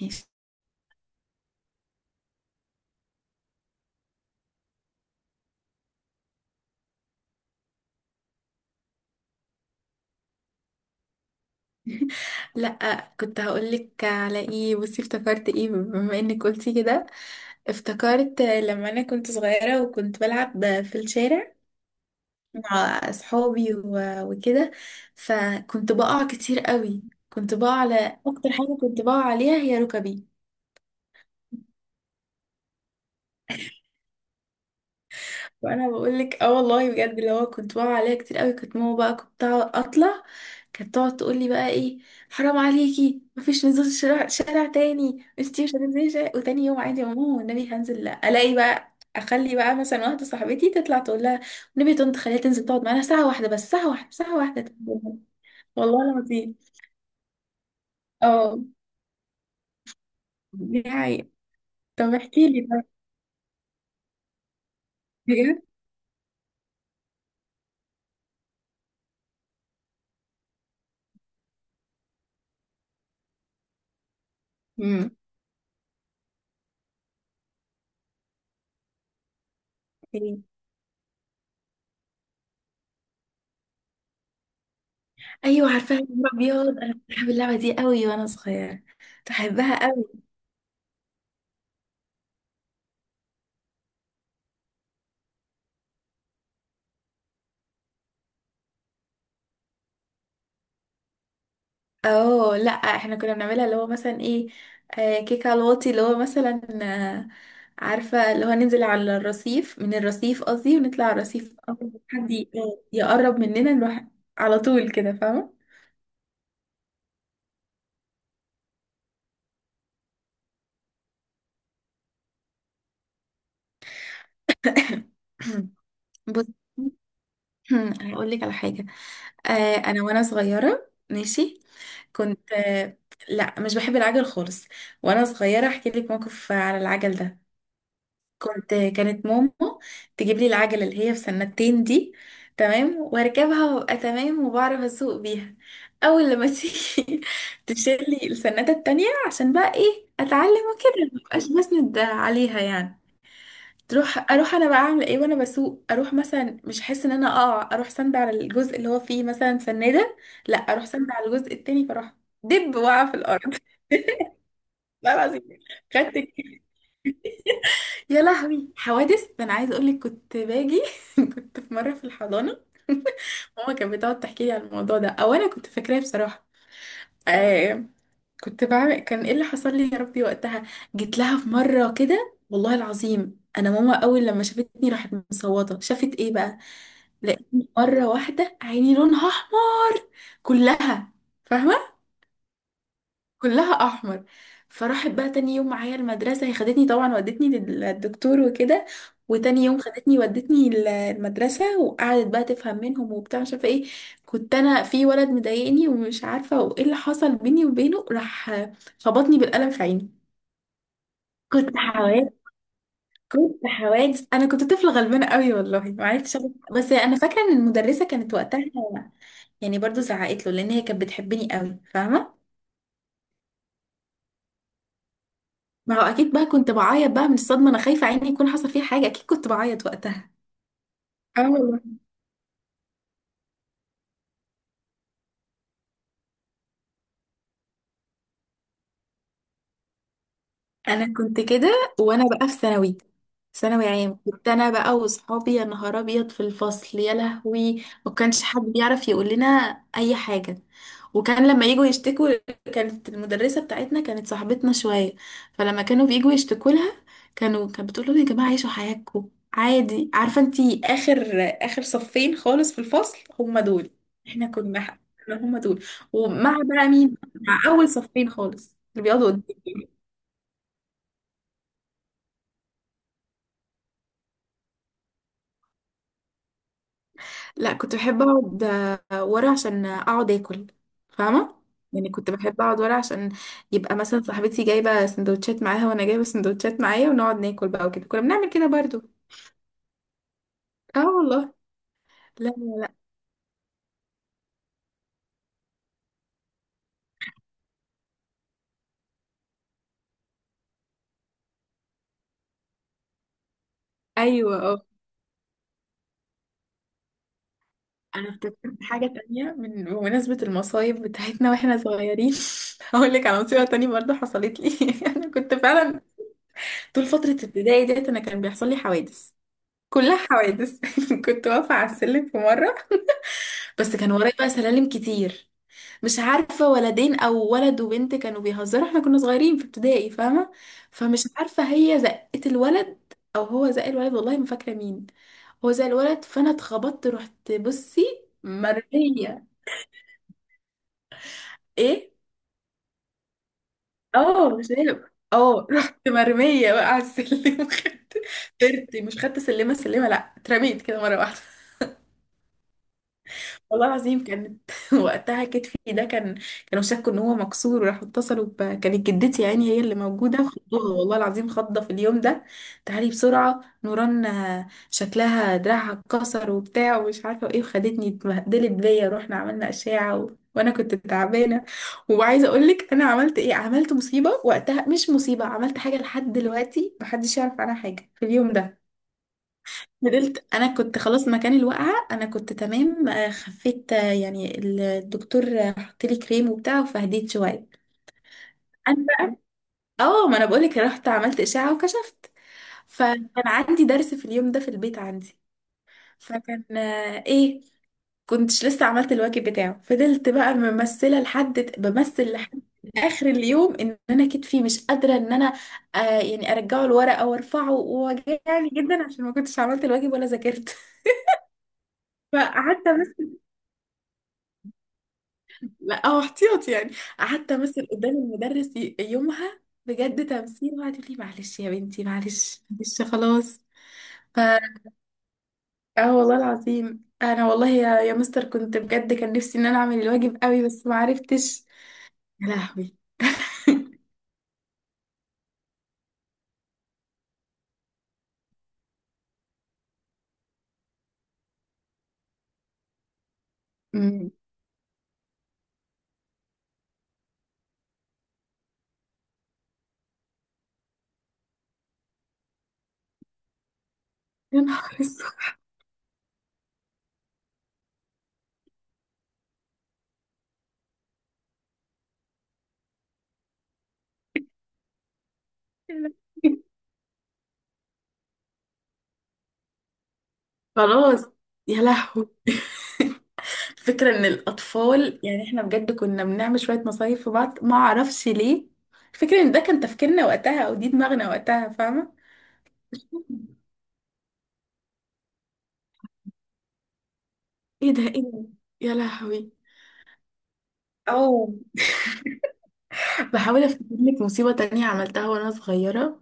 ماشي. لا، كنت هقولك على ايه. بصي، افتكرت ايه بما انك قلتي كده. افتكرت لما انا كنت صغيرة وكنت بلعب في الشارع مع اصحابي وكده. فكنت بقع كتير قوي. كنت بقع على اكتر حاجة كنت بقع عليها هي ركبي. وانا بقول لك اه والله بجد. اللي هو كنت بقى عليها كتير قوي. كنت ماما بقى كنت اطلع. كانت تقعد تقول لي بقى ايه؟ حرام عليكي، مفيش نزول. شارع شارع تاني؟ انتي مش هتنزلي شارع. وتاني يوم عادي يا ماما، والنبي هنزل. لا، الاقي بقى اخلي بقى مثلا واحده صاحبتي تطلع تقول لها. والنبي يا طنط خليها تنزل تقعد معانا ساعه واحده بس، ساعه واحده، ساعه واحده تنزل. والله العظيم. اه، دي حقيقة. طب احكي لي بقى، بجد. امم، ايوه عارفاها. يا نهار ابيض. انا كنت بحب اللعبه دي قوي وانا صغيره. بحبها. اه، لا، احنا كنا بنعملها اللي هو مثلا ايه. كيك على الواطي اللي هو مثلا. عارفة، اللي هو ننزل على الرصيف، من الرصيف قصدي، ونطلع على الرصيف أول ما حد يقرب مننا نروح. على طول كده، فاهمة؟ بص، هقول لك على حاجة. انا وانا صغيرة، ماشي. كنت لا، مش بحب العجل خالص. وانا صغيرة احكي لك موقف على العجل ده. كانت ماما تجيب لي العجلة اللي هي في سنتين دي. تمام، واركبها وابقى تمام وبعرف اسوق بيها. اول لما تيجي تشيل لي السنادة التانية عشان بقى ايه، اتعلم وكده مبقاش بسند عليها يعني. تروح اروح انا بقى اعمل ايه وانا بسوق. اروح مثلا مش احس ان انا اقع، اروح سند على الجزء اللي هو فيه مثلا سنادة. لا، اروح سند على الجزء التاني، فاروح دب واقع في الارض. لا العظيم. خدت، يا لهوي. حوادث ده؟ انا عايزه اقول لك كنت باجي. كنت في مره في الحضانه. ماما كانت بتقعد تحكي لي على الموضوع ده، او انا كنت فاكراه بصراحه. آه كنت بعمل كان ايه اللي حصل لي يا ربي وقتها. جيت لها في مره كده والله العظيم، انا ماما اول لما شافتني راحت مصوته. شافت ايه بقى؟ لقيتني مره واحده عيني لونها احمر، كلها، فاهمه؟ كلها احمر. فراحت بقى تاني يوم معايا المدرسه، هي خدتني طبعا ودتني للدكتور وكده. وتاني يوم خدتني ودتني المدرسه، وقعدت بقى تفهم منهم وبتاع مش عارفه ايه. كنت انا في ولد مضايقني ومش عارفه، وايه اللي حصل بيني وبينه، راح خبطني بالقلم في عيني. كنت حوادث، كنت حوادث. انا كنت طفله غلبانه قوي والله ما عرفتش بس انا فاكره ان المدرسه كانت وقتها. يعني برضو زعقت له لان هي كانت بتحبني قوي، فاهمه؟ ما هو اكيد بقى كنت بعيط بقى من الصدمه، انا خايفه عيني يكون حصل فيها حاجه، اكيد كنت بعيط وقتها. اه والله. انا كنت كده وانا بقى في ثانوي، ثانوي عام. كنت انا بقى واصحابي يا نهار ابيض في الفصل يا لهوي. ما كانش حد بيعرف يقول لنا اي حاجه. وكان لما يجوا يشتكوا، كانت المدرسه بتاعتنا كانت صاحبتنا شويه. فلما كانوا بيجوا يشتكوا لها، كانت بتقول لهم يا جماعه عيشوا حياتكم عادي. عارفه، انتي اخر، اخر صفين خالص في الفصل، هم دول. احنا كنا هم دول. ومع بقى مين؟ مع اول صفين خالص اللي بيقعدوا قدام. لا، كنت بحب اقعد ورا عشان اقعد اكل، فاهمه؟ يعني كنت بحب اقعد ورا عشان يبقى مثلا صاحبتي جايبه سندوتشات معاها وانا جايبه سندوتشات معايا، ونقعد ناكل بقى وكده، كنا بنعمل كده برضو. اه والله. لا، لا، لا. ايوه، اه. انا افتكرت حاجه تانية من بمناسبه المصايب بتاعتنا واحنا صغيرين. هقول لك على مصيبه تانية برضو حصلت لي. انا كنت فعلا طول فتره ابتدائي ديت انا كان بيحصل لي حوادث، كلها حوادث. كنت واقفه على السلم في مره، بس كان ورايا بقى سلالم كتير. مش عارفة ولدين أو ولد وبنت كانوا بيهزروا، احنا كنا صغيرين في ابتدائي، فاهمة؟ فمش عارفة هي زقت الولد أو هو زق الولد، والله ما فاكرة مين. هو زق الولد فأنا اتخبطت، رحت بصي مرمية. ايه؟ اه، مش عارف، اه. رحت مرمية بقى على السلم، خدت طرت، مش خدت سلمة سلمة، لأ اترميت كده مرة واحدة. والله العظيم كانت وقتها كتفي ده كان، كانوا شكوا ان هو مكسور وراحوا اتصلوا ب كانت جدتي يعني هي اللي موجوده، خضوها والله العظيم، خضه في اليوم ده. تعالي بسرعه نوران، شكلها دراعها اتكسر وبتاع ومش عارفه ايه، وخدتني اتبهدلت بيا، رحنا عملنا اشعه و... وانا كنت تعبانه. وعايزه اقول لك انا عملت ايه. عملت مصيبه وقتها، مش مصيبه، عملت حاجه لحد دلوقتي محدش يعرف عنها حاجه في اليوم ده. فضلت. انا كنت خلاص، مكان الوقعه انا كنت تمام، خفيت، يعني الدكتور حط لي كريم وبتاع، فهديت شويه. انا بقى- اه، ما انا بقولك رحت عملت اشعه وكشفت. فكان عندي درس في اليوم ده في البيت عندي. فكان ايه، كنتش لسه عملت الواجب بتاعه. فضلت بقى ممثله لحد بمثل لحد اخر اليوم ان انا كتفي مش قادره ان انا يعني ارجعه الورقه وارفعه، ووجعني جدا عشان ما كنتش عملت الواجب ولا ذاكرت. فقعدت. لا، هو احتياطي يعني. قعدت امثل قدام المدرس يومها بجد تمثيل. وقعدت تقول لي معلش يا بنتي، معلش، معلش، خلاص. ف اه والله العظيم انا والله، يا مستر، كنت بجد كان نفسي ان انا اعمل الواجب قوي بس ما عرفتش. يا لهوي. أمم. يا نهار اسود. يا لهوي. خلاص. يا لهوي. فكرة ان الاطفال يعني احنا بجد كنا بنعمل شوية مصايف في بعض، ما اعرفش ليه. فكرة ان ده كان تفكيرنا وقتها او دي دماغنا وقتها، فاهمة؟ ايه ده؟ ايه ده؟ يا لهوي. او بحاول افتكر لك مصيبة تانية عملتها وانا صغيرة.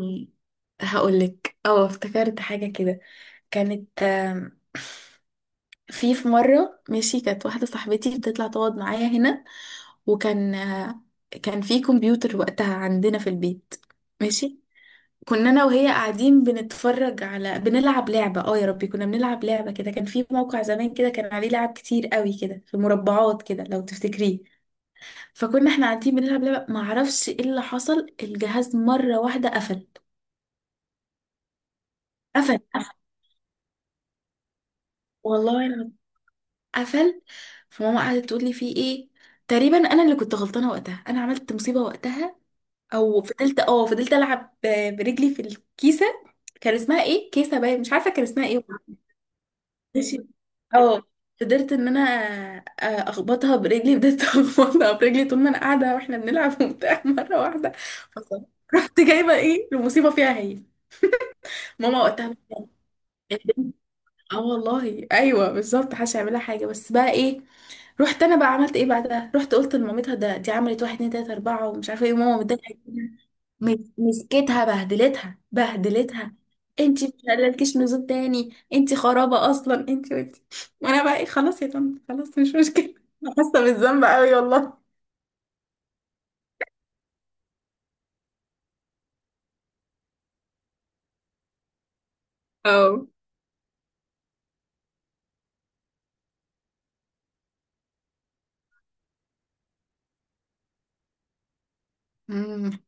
أم، هقولك، اه، افتكرت حاجة كده. كانت في مرة، ماشي، كانت واحدة صاحبتي بتطلع تقعد معايا هنا. وكان كان في كمبيوتر وقتها عندنا في البيت. ماشي. كنا انا وهي قاعدين بنتفرج على، بنلعب لعبة، اه يا ربي، كنا بنلعب لعبة كده كان في موقع زمان كده، كان عليه لعب كتير قوي كده في مربعات كده، لو تفتكريه. فكنا احنا قاعدين بنلعب لعبة، ما اعرفش ايه اللي حصل، الجهاز مرة واحدة قفل. قفل، قفل، والله انا، قفل. فماما قعدت تقول لي فيه ايه. تقريبا انا اللي كنت غلطانة وقتها، انا عملت مصيبة وقتها. او فضلت، اه، فضلت العب برجلي في الكيسة. كان اسمها ايه، كيسة باين، مش عارفة كان اسمها ايه. ماشي. اه، قدرت ان انا اخبطها برجلي، بدأت اخبطها برجلي طول ما انا قاعدة واحنا بنلعب وبتاع، مرة واحدة. فصرت. رحت جايبة ايه المصيبة فيها هي. ماما وقتها بقى- البنت- اه والله، ايوه بالظبط، محدش هيعملها حاجه، بس بقى ايه. رحت انا بقى عملت ايه بعدها، رحت قلت لمامتها ده دي عملت واحد اتنين تلاته اربعه ومش عارفه ايه، وماما متضايقه جدا. مسكتها بهدلتها بهدلتها. انتي مش هلالكيش نزول تاني، انتي خرابه اصلا، انتي وانتي. وانا بقى ايه؟ خلاص يا طنط، خلاص، مش مشكله. أنا حاسه بالذنب قوي والله. اه. أمم.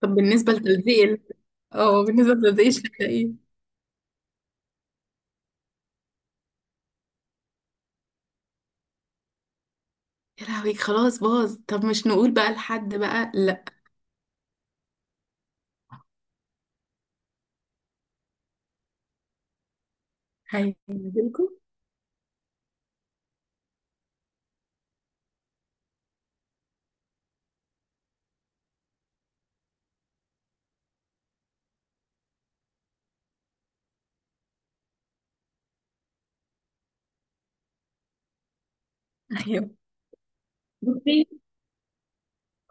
طب بالنسبه لتلزيق اه، بالنسبه لتلزيق الشقه. يا لهوي، خلاص باظ. طب مش نقول بقى لحد بقى؟ لا. هينزلكم. ايوه. بصي،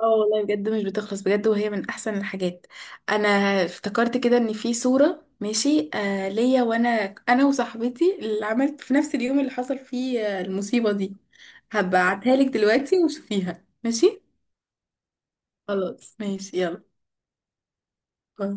اه والله بجد مش بتخلص بجد، وهي من احسن الحاجات. انا افتكرت كده ان في صورة، ماشي، ليا، وانا انا وصاحبتي اللي عملت في نفس اليوم اللي حصل فيه المصيبة دي. هبعتها لك دلوقتي وشوفيها، ماشي. خلاص، ماشي، يلا، باي.